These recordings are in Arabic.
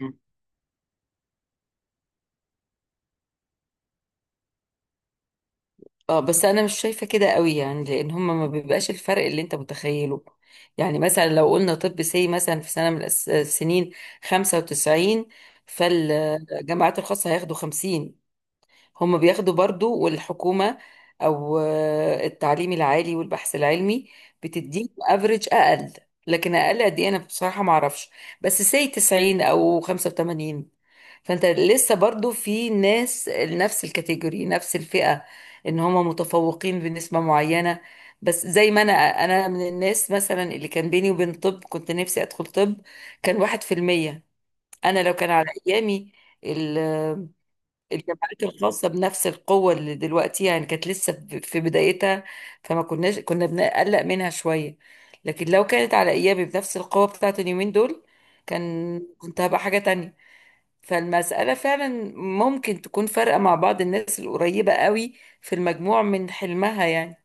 مم. اه، بس انا مش شايفه كده قوي، يعني لان هما ما بيبقاش الفرق اللي انت متخيله. يعني مثلا لو قلنا طب سي مثلا في سنه من السنين 95، فالجامعات الخاصه هياخدوا 50. هما بياخدوا برضو، والحكومه او التعليم العالي والبحث العلمي بتديهم افريج اقل، لكن اقل قد ايه انا بصراحه ما اعرفش. بس سي 90 او 85، فانت لسه برضو في ناس نفس الكاتيجوري، نفس الفئة، ان هم متفوقين بنسبة معينة. بس زي ما انا من الناس مثلا اللي كان بيني وبين طب، كنت نفسي ادخل طب، كان 1%. انا لو كان على ايامي ال- الجامعات الخاصة بنفس القوة اللي دلوقتي، يعني كانت لسه في بدايتها، فما كناش كنا بنقلق منها شوية، لكن لو كانت على ايامي بنفس القوة بتاعت اليومين دول، كان كنت هبقى حاجة تانية. فالمسألة فعلا ممكن تكون فارقة مع بعض الناس القريبة قوي في المجموع من حلمها، يعني.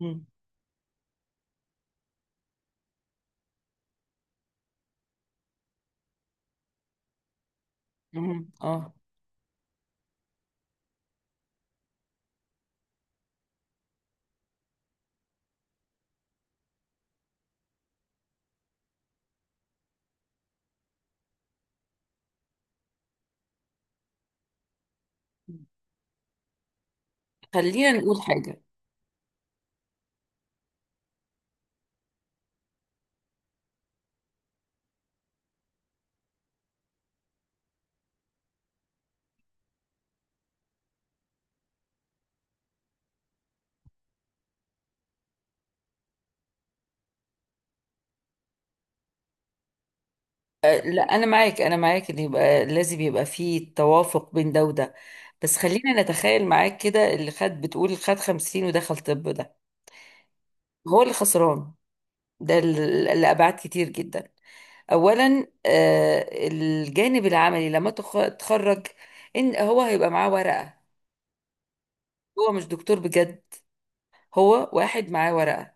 مم. مم. اه، خلينا نقول حاجة. أه، لا، أنا معاك، أنا معاك، إن يبقى لازم يبقى فيه توافق بين ده وده. بس خلينا نتخيل معاك كده، اللي خد بتقول خد 50 ودخل طب ده، هو اللي خسران. ده لأبعاد كتير جدا. أولا الجانب العملي، لما تخرج، إن هو هيبقى معاه ورقة، هو مش دكتور بجد، هو واحد معاه ورقة.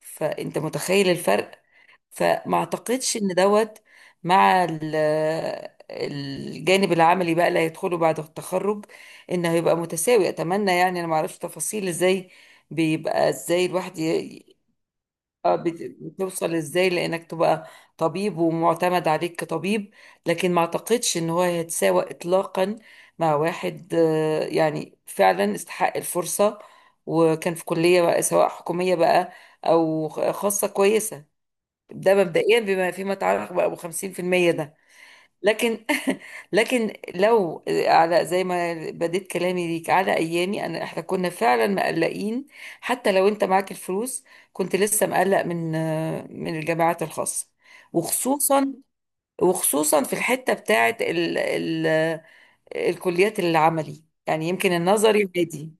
فانت متخيل الفرق؟ فما اعتقدش ان دوت مع الجانب العملي بقى اللي هيدخله بعد التخرج، انه هيبقى متساوي. اتمنى، يعني انا ما اعرفش تفاصيل ازاي بيبقى، ازاي الواحد اه، بتوصل ازاي لانك تبقى طبيب ومعتمد عليك كطبيب، لكن ما اعتقدش ان هو هيتساوى اطلاقا مع واحد يعني فعلا استحق الفرصة وكان في كلية بقى، سواء حكومية بقى او خاصة كويسة. ده مبدئيا بما فيما يتعلق بقى ابو 50% ده. لكن لكن لو على زي ما بديت كلامي ليك على ايامي انا، احنا كنا فعلا مقلقين، حتى لو انت معاك الفلوس كنت لسه مقلق من من الجامعات الخاصه، وخصوصا، في الحته بتاعه ال الكليات العملي. يعني يمكن النظري بادي،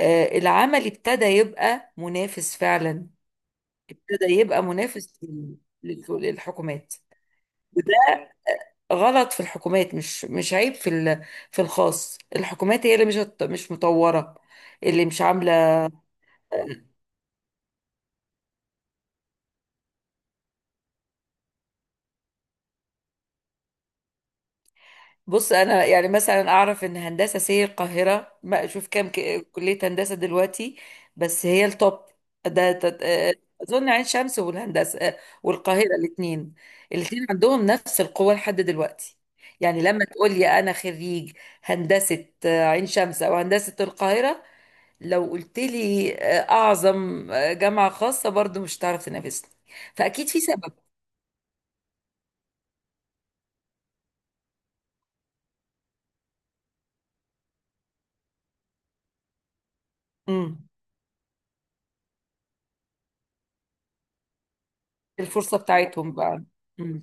العملي ابتدى يبقى منافس فعلا، ابتدى يبقى منافس للحكومات. غلط في الحكومات، مش عيب في في الخاص، الحكومات هي اللي مش مطورة، اللي مش عاملة. بص انا يعني مثلا اعرف ان هندسة سي القاهرة، ما اشوف كام كلية هندسة دلوقتي، بس هي التوب. ده ده- آه، اظن عين شمس والهندسة والقاهرة، الاثنين، الاثنين عندهم نفس القوة لحد دلوقتي. يعني لما تقول لي انا خريج هندسة عين شمس او هندسة القاهرة، لو قلت لي اعظم جامعة خاصة، برضو مش هتعرف تنافسني، فاكيد في سبب. امم الفرصة بتاعتهم بقى. امم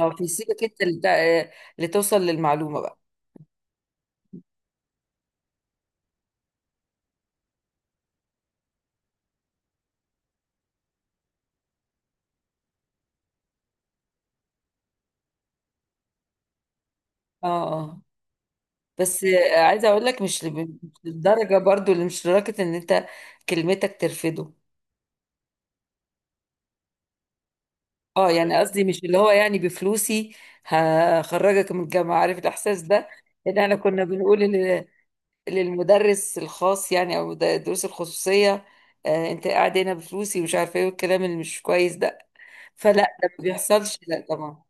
اه، في، سيبك انت اللي اللي توصل للمعلومة بقى. اه، اه، بس عايزة اقول لك، مش مش للدرجة برضو، اللي مش لدرجة ان انت كلمتك ترفضه. اه، يعني قصدي مش اللي هو يعني بفلوسي هخرجك من الجامعة، عارف الاحساس ده، ان احنا كنا بنقول للمدرس الخاص يعني، او الدروس الخصوصيه، آه انت قاعد هنا بفلوسي ومش عارفه ايه والكلام اللي مش كويس ده. فلا، ده ما بيحصلش، لا طبعا.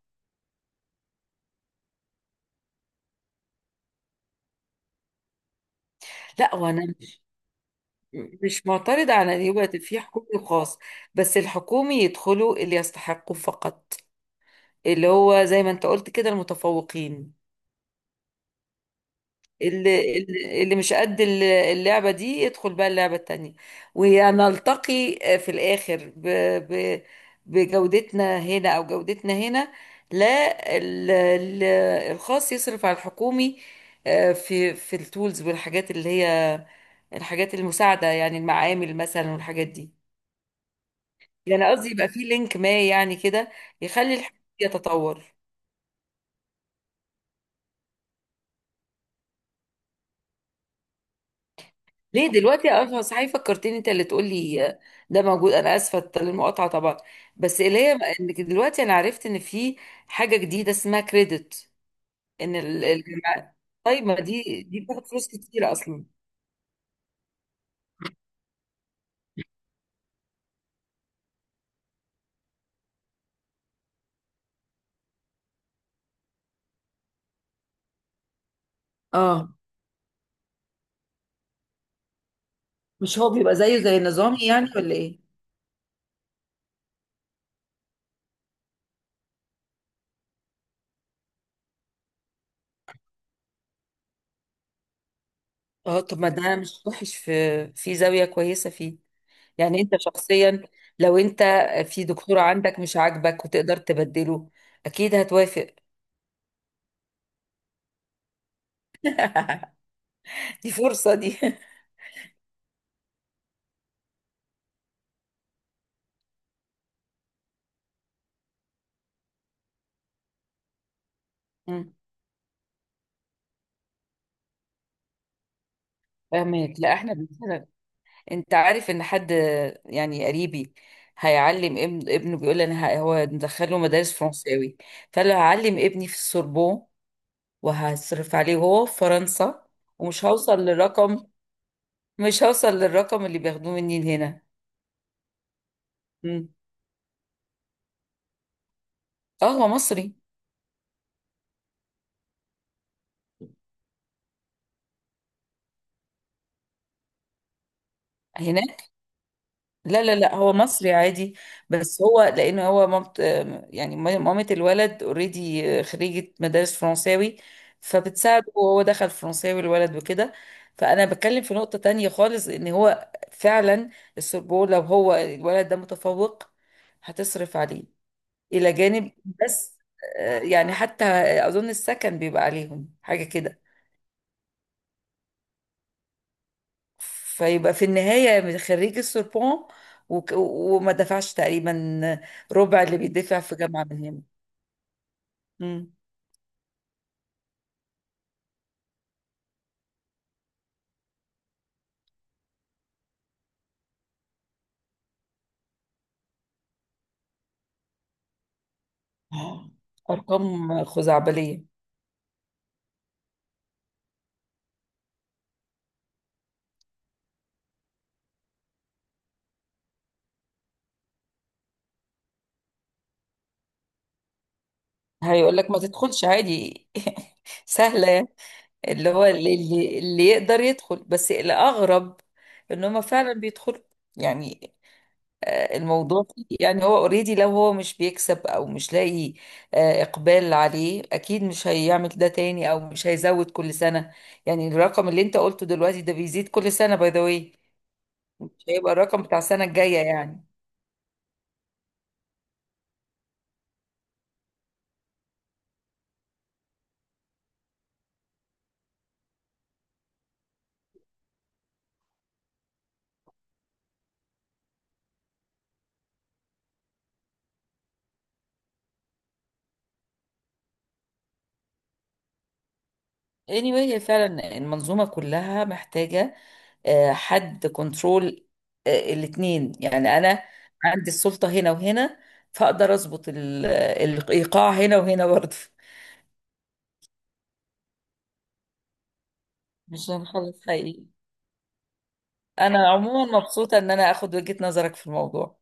لا، وانا مش معترضه على ان يبقى في حكومي وخاص، بس الحكومي يدخلوا اللي يستحقوا فقط، اللي هو زي ما انت قلت كده، المتفوقين. اللي مش قد اللعبة دي يدخل بقى اللعبة التانية، ونلتقي في الآخر ب ب بجودتنا هنا أو جودتنا هنا. لا، ال- ال- الخاص يصرف على الحكومي، في التولز والحاجات اللي هي الحاجات المساعدة، يعني المعامل مثلا والحاجات دي. يعني قصدي يبقى في لينك ما، يعني كده، يخلي الحكومي يتطور. ليه دلوقتي؟ اه صحيح، فكرتني انت اللي تقولي، ده موجود. انا اسفه للمقاطعه طبعا، بس اللي هي انك دلوقتي، انا عرفت ان في حاجه جديده اسمها كريدت، ان الجامعات. طيب ما دي، بتاخد فلوس كتير اصلا. اه، مش هو بيبقى زيه زي نظامي يعني، ولا ايه؟ اه، طب ما ده مش وحش، في زاويه كويسه فيه. يعني انت شخصيا، لو انت في دكتور عندك مش عاجبك وتقدر تبدله، اكيد هتوافق. دي فرصه دي. فاهمك. لا، احنا بنسأل. انت عارف ان حد، يعني قريبي هيعلم ابن ابنه، بيقول لي انا، هو مدخله مدارس فرنساوي، فقال له هعلم ابني في السوربون، وهصرف عليه هو في فرنسا، ومش هوصل للرقم، مش هوصل للرقم اللي بياخدوه مني هنا. مم. اه، هو مصري هناك. لا لا لا، هو مصري عادي، بس هو لانه هو، مامت، يعني مامة الولد اوريدي خريجة مدارس فرنساوي، فبتساعده، وهو دخل فرنساوي الولد، وكده. فانا بتكلم في نقطة تانية خالص، ان هو فعلا السربون، لو هو الولد ده متفوق هتصرف عليه، الى جانب بس يعني حتى اظن السكن بيبقى عليهم حاجة كده. فيبقى في النهاية خريج السوربون، وما دفعش تقريبا ربع اللي بيدفع في جامعة من هنا. مم. آه، أرقام خزعبلية. هيقول لك ما تدخلش عادي. سهلة يعني. اللي هو اللي يقدر يدخل، بس الأغرب إن هما فعلا بيدخلوا. يعني الموضوع يعني هو اوريدي، لو هو مش بيكسب او مش لاقي اقبال عليه، اكيد مش هيعمل ده تاني او مش هيزود كل سنة. يعني الرقم اللي انت قلته دلوقتي، ده بيزيد كل سنة، باي ذا واي. مش هيبقى الرقم بتاع السنة الجاية، يعني. Anyway، هي فعلا المنظومة كلها محتاجة حد كنترول الاتنين، يعني انا عندي السلطة هنا وهنا، فاقدر اظبط الايقاع هنا وهنا برضه. مش هنخلص حقيقي. انا عموما مبسوطة ان انا اخد وجهة نظرك في الموضوع.